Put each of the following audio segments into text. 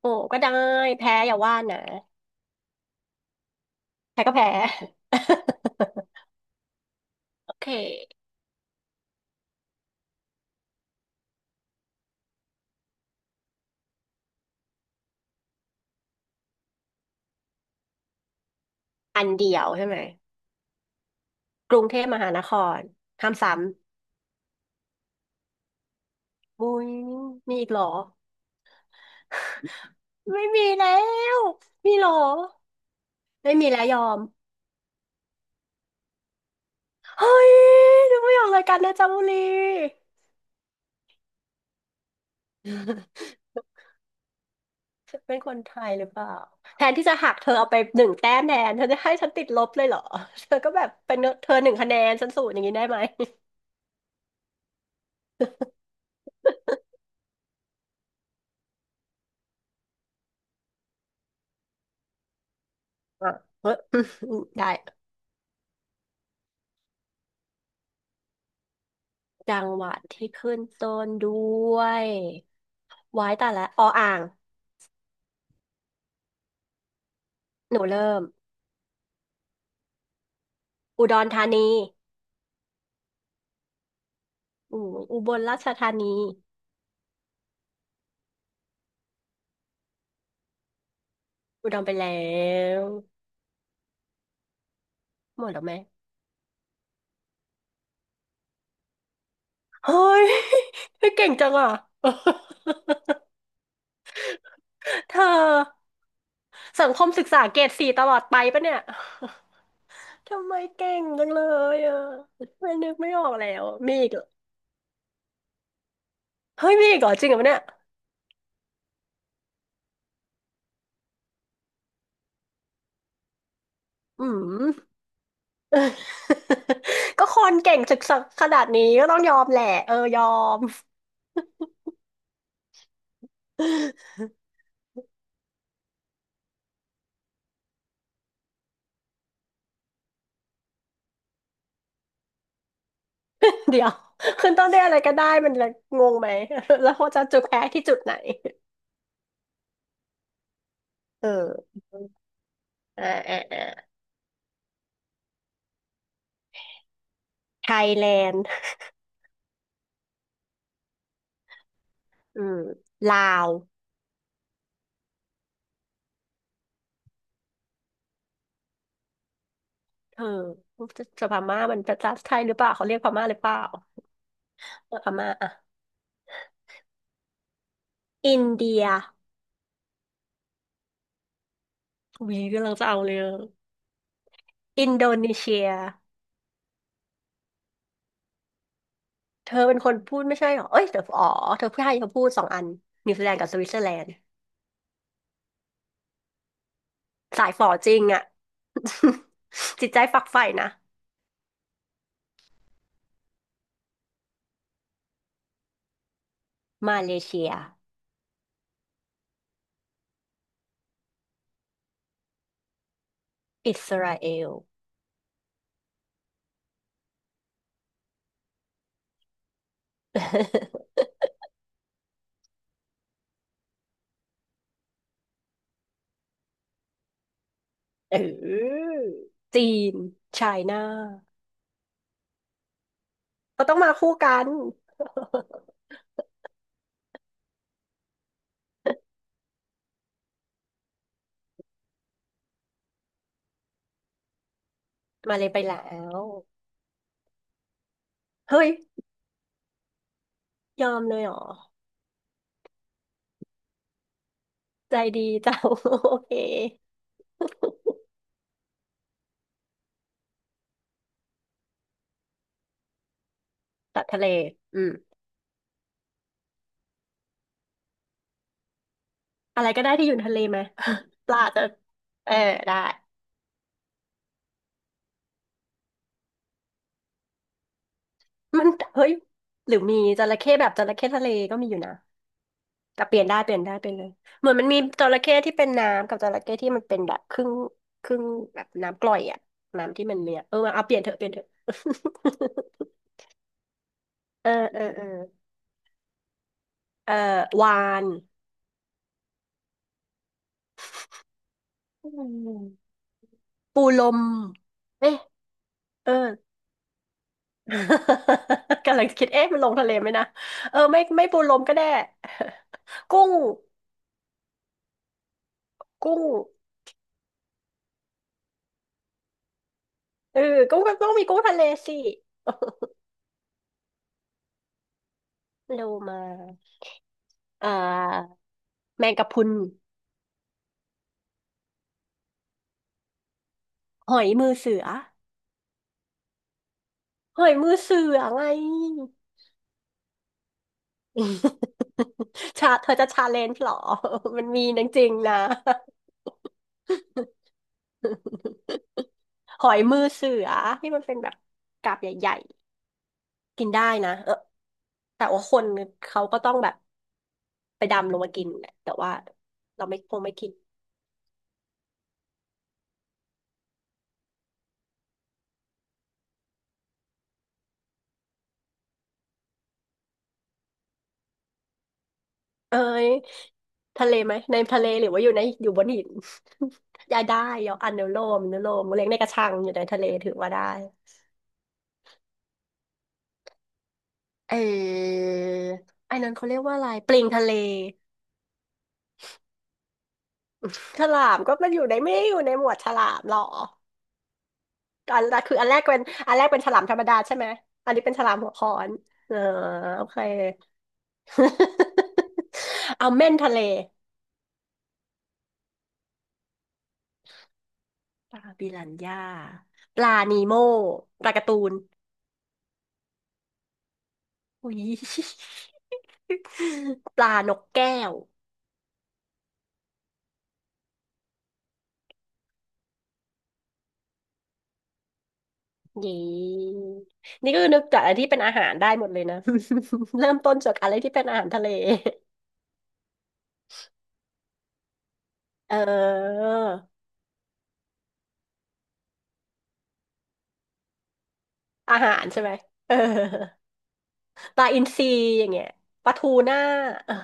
โอ้ก็ได้แพ้อย่าว่านะแพ้ก็แพ้ โอเคอันเดียวใช่ไหมกรุงเทพมหานครห้ามซ้ำมุ้ยมีอีกเหรอ ไม่มีแล้วมีเหรอไม่มีแล้วยอมเฮ้ยดูไม่ออกรายการนะจ๊ะบุรี ฉันเป็นคนไทยหรือเปล่าแทนที่จะหักเธอเอาไปหนึ่งแต้มแทนเธอจะให้ฉันติดลบเลยเหรอ เธอก็แบบเป็นเธอหนึ่งคะแนนฉันศูนย์อย่างนี้ได้ไหมอ่ะเฮ้ย ได้ จังหวัดที่ขึ้นต้นด้วยไว้แต่ละอออ่างหนูเริ่มอุดรธานีอืมอุบลราชธานีอุดรไปแล้วหมดแล้วไหมเฮ้ย เฮ้ยเก่งจังอ่ะ เธอสังคมศึกษาเกรดสี่ตลอดไปปะเนี่ย ทำไมเก่งจังเลยอ่ะไม่นึกไม่ออกแล้วมีอีกเหรอเฮ้ยมีอีกเหรอจริงเหรอเนี่ยอืม ก็คนเก่งศึกษาขนาดนี้ก็ต้องยอมแหละเออยอม เดี๋ยวขึ้นต้นด้วยอะไรก็ได้มันเลยงงไหม แล้วเขาจะจุดแพ้ที่จุดไหนเอออ่าอ่าอ่าไทยแลนด์อืมลาวเออจะจะพม่ามันเป็นภาษาไทยหรือเปล่าเขาเรียกพม่าหรือเปล่าเออพม่าอ่ะอินเดียวีกำลังจะเอาเลยอินโดนีเซียเธอเป็นคนพูดไม่ใช่เหรอเอ้ยเธออ๋อเธอพูดให้เธอพูดสองอันนิวซีแลนด์กับสวิตเซอร์แลนด์ สายฝอจริงอ่ะ จิตใจฝักใฝ่นะมาเลเซียอิสราเอล เออจีนไชน่าก็ต้องมาคู่กันมาเลยไปแล้วเฮ้ยยอมเลยเหรอใจดีจัง โอเคตัดทะเลอืมอะไรก็ได้ที่อยู่ในทะเลไหม ปลาจะเออได้มันเฮ้ยหรือมีจระเข้แบบจระเข้ทะเลก็มีอยู่นะ แต่เปลี่ยนได้เปลี่ยนได้เป็นเลยเหมือนมันมีจระเข้ที่เป็นน้ำกับจระเข้ที่มันเป็นแบบครึ่งครึ่งแบบน้ำกร่อยอ่ะน้ำที่มันเนี่ยเออเอาเปลี่ยนเถอะเปลี่ยนเถอะ เออเออเออเออวานอืมปูลมเอ๊ะเออ กำลังคิดเอ๊ะมันลงทะเลไหมนะเออไม่ไม่ปูลมก็ได้ กุ้งกุ้งเออกุ้งก็ต้องมีกุ้งทะเลสิโลมาเอ่อแมงกะพรุนหอยมือเสือ หอยมือเสือไง ชาเธอจะชาเลนจ์หรอ มันมีจริงๆนะ หอยมือเสือที่มันเป็นแบบกาบใหญ่ๆกินได้นะเออแต่ว่าคนเขาก็ต้องแบบไปดำลงมากินแหละแต่ว่าเราไม่คงไม่กินเอ้ยทะเลไหมในทะเลหรือว่าอยู่ในอยู่บนหิน ยายได้ยออนุโลมอนุโลมเลี้ยงในกระชังอยู่ในทะเลถือว่าได้ เออไอ้นั้นเขาเรียกว่าอะไรปลิงทะเลฉลามก็มันอยู่ในไม่ได้อยู่ในหมวดฉลามหรออันแรกคืออันแรกเป็นอันแรกเป็นฉลามธรรมดาใช่ไหมอันนี้เป็นฉลามหัวค้อนเออโอเค เอาเม่นทะเลปลาบิรันย่าปลานีโม่ปลาการ์ตูนอุ้ย ปลานกแก้วเย้นี่ก็นึกจากอะไรที่เป็นอาหารได้หมดเลยนะ เริ่มต้นจากอะไรที่เป็นอาหารทะเล เอออาหารใช่ไหมเออ ปลาอินทรีอย่างเงี้ยปลาทูน่า เออ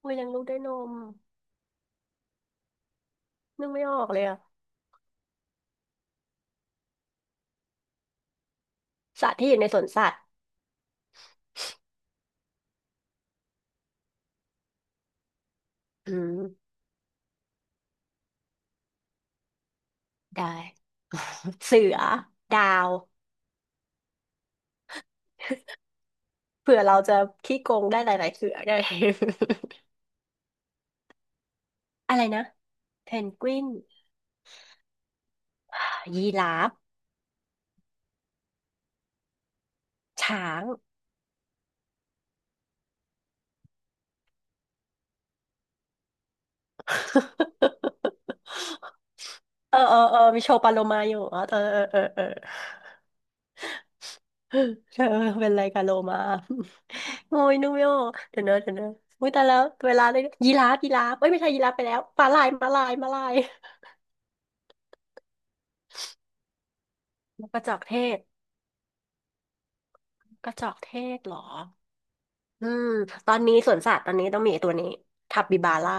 โอ้ยเลี้ยังลูกด้วยนมนึกไม่ออกเลยอะสัตว์ที่อยู่ในสวนสัตว์อืมได้เสือดาวเผื่อเราจะขี้โกงได้หลายๆเสือได้ อะไรนะเพนกวินยีราฟช้าง เออเออเออมีโชว์ปลาโลมาอยู่อ๋อเออเออเออเออ เธอเป็นไรกับโลมา โอ้ยนุ่มโยเดี๋ยวเนอะเดี๋ยวเนอะอุ้ยแต่แล้วเวลาเลยยีราฟยีราฟเอ้ยไม่ใช่ยีราฟไปแล้วม้าลายม้าลายม้าลายนกกระจอกเทศกระจอกเทศเหรออืมตอนนี้สวนสัตว์ตอนนี้ต้องมีไอ้ตัวนี้ทับบิบาร่า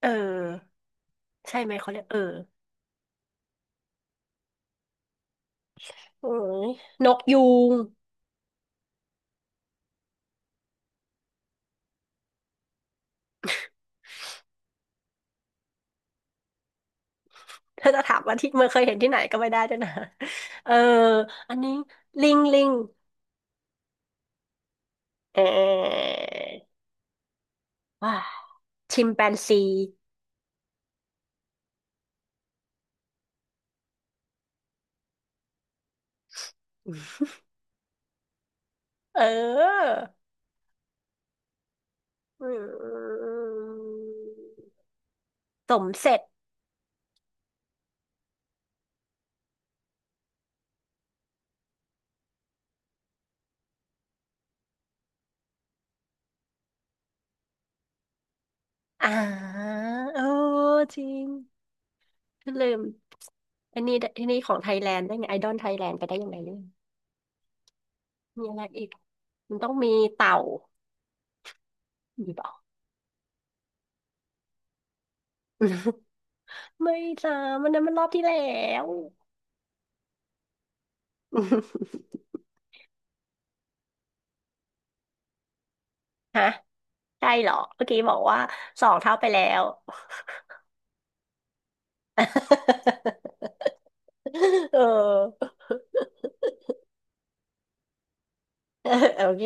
เออใช่ไหมเขาเรียกเออโอ้ยนกยูงถ้าจะถามว่าที่เมื่อเคยเห็นที่ไหนก็ไม่ได้ด้วยนะ เอออันนี้ลิงลิงเออว่าชิมแปนซี เอออืมสมเสร็จอ่าเออจริงลืมอันนี้อันนี้ของไทยแลนด์ได้ไงไอดอลไทยแลนด์ไปได้ยังไงเนี่ยมีอะไรอีกมันต้องมีเต่ามีเปล่า ไม่จ้า มันนั้นมันรอบที่แล้ว ฮะ ใช่เหรอเมื่อกี้บอกว่าสองเท่าไปแล้ว เออ โอเค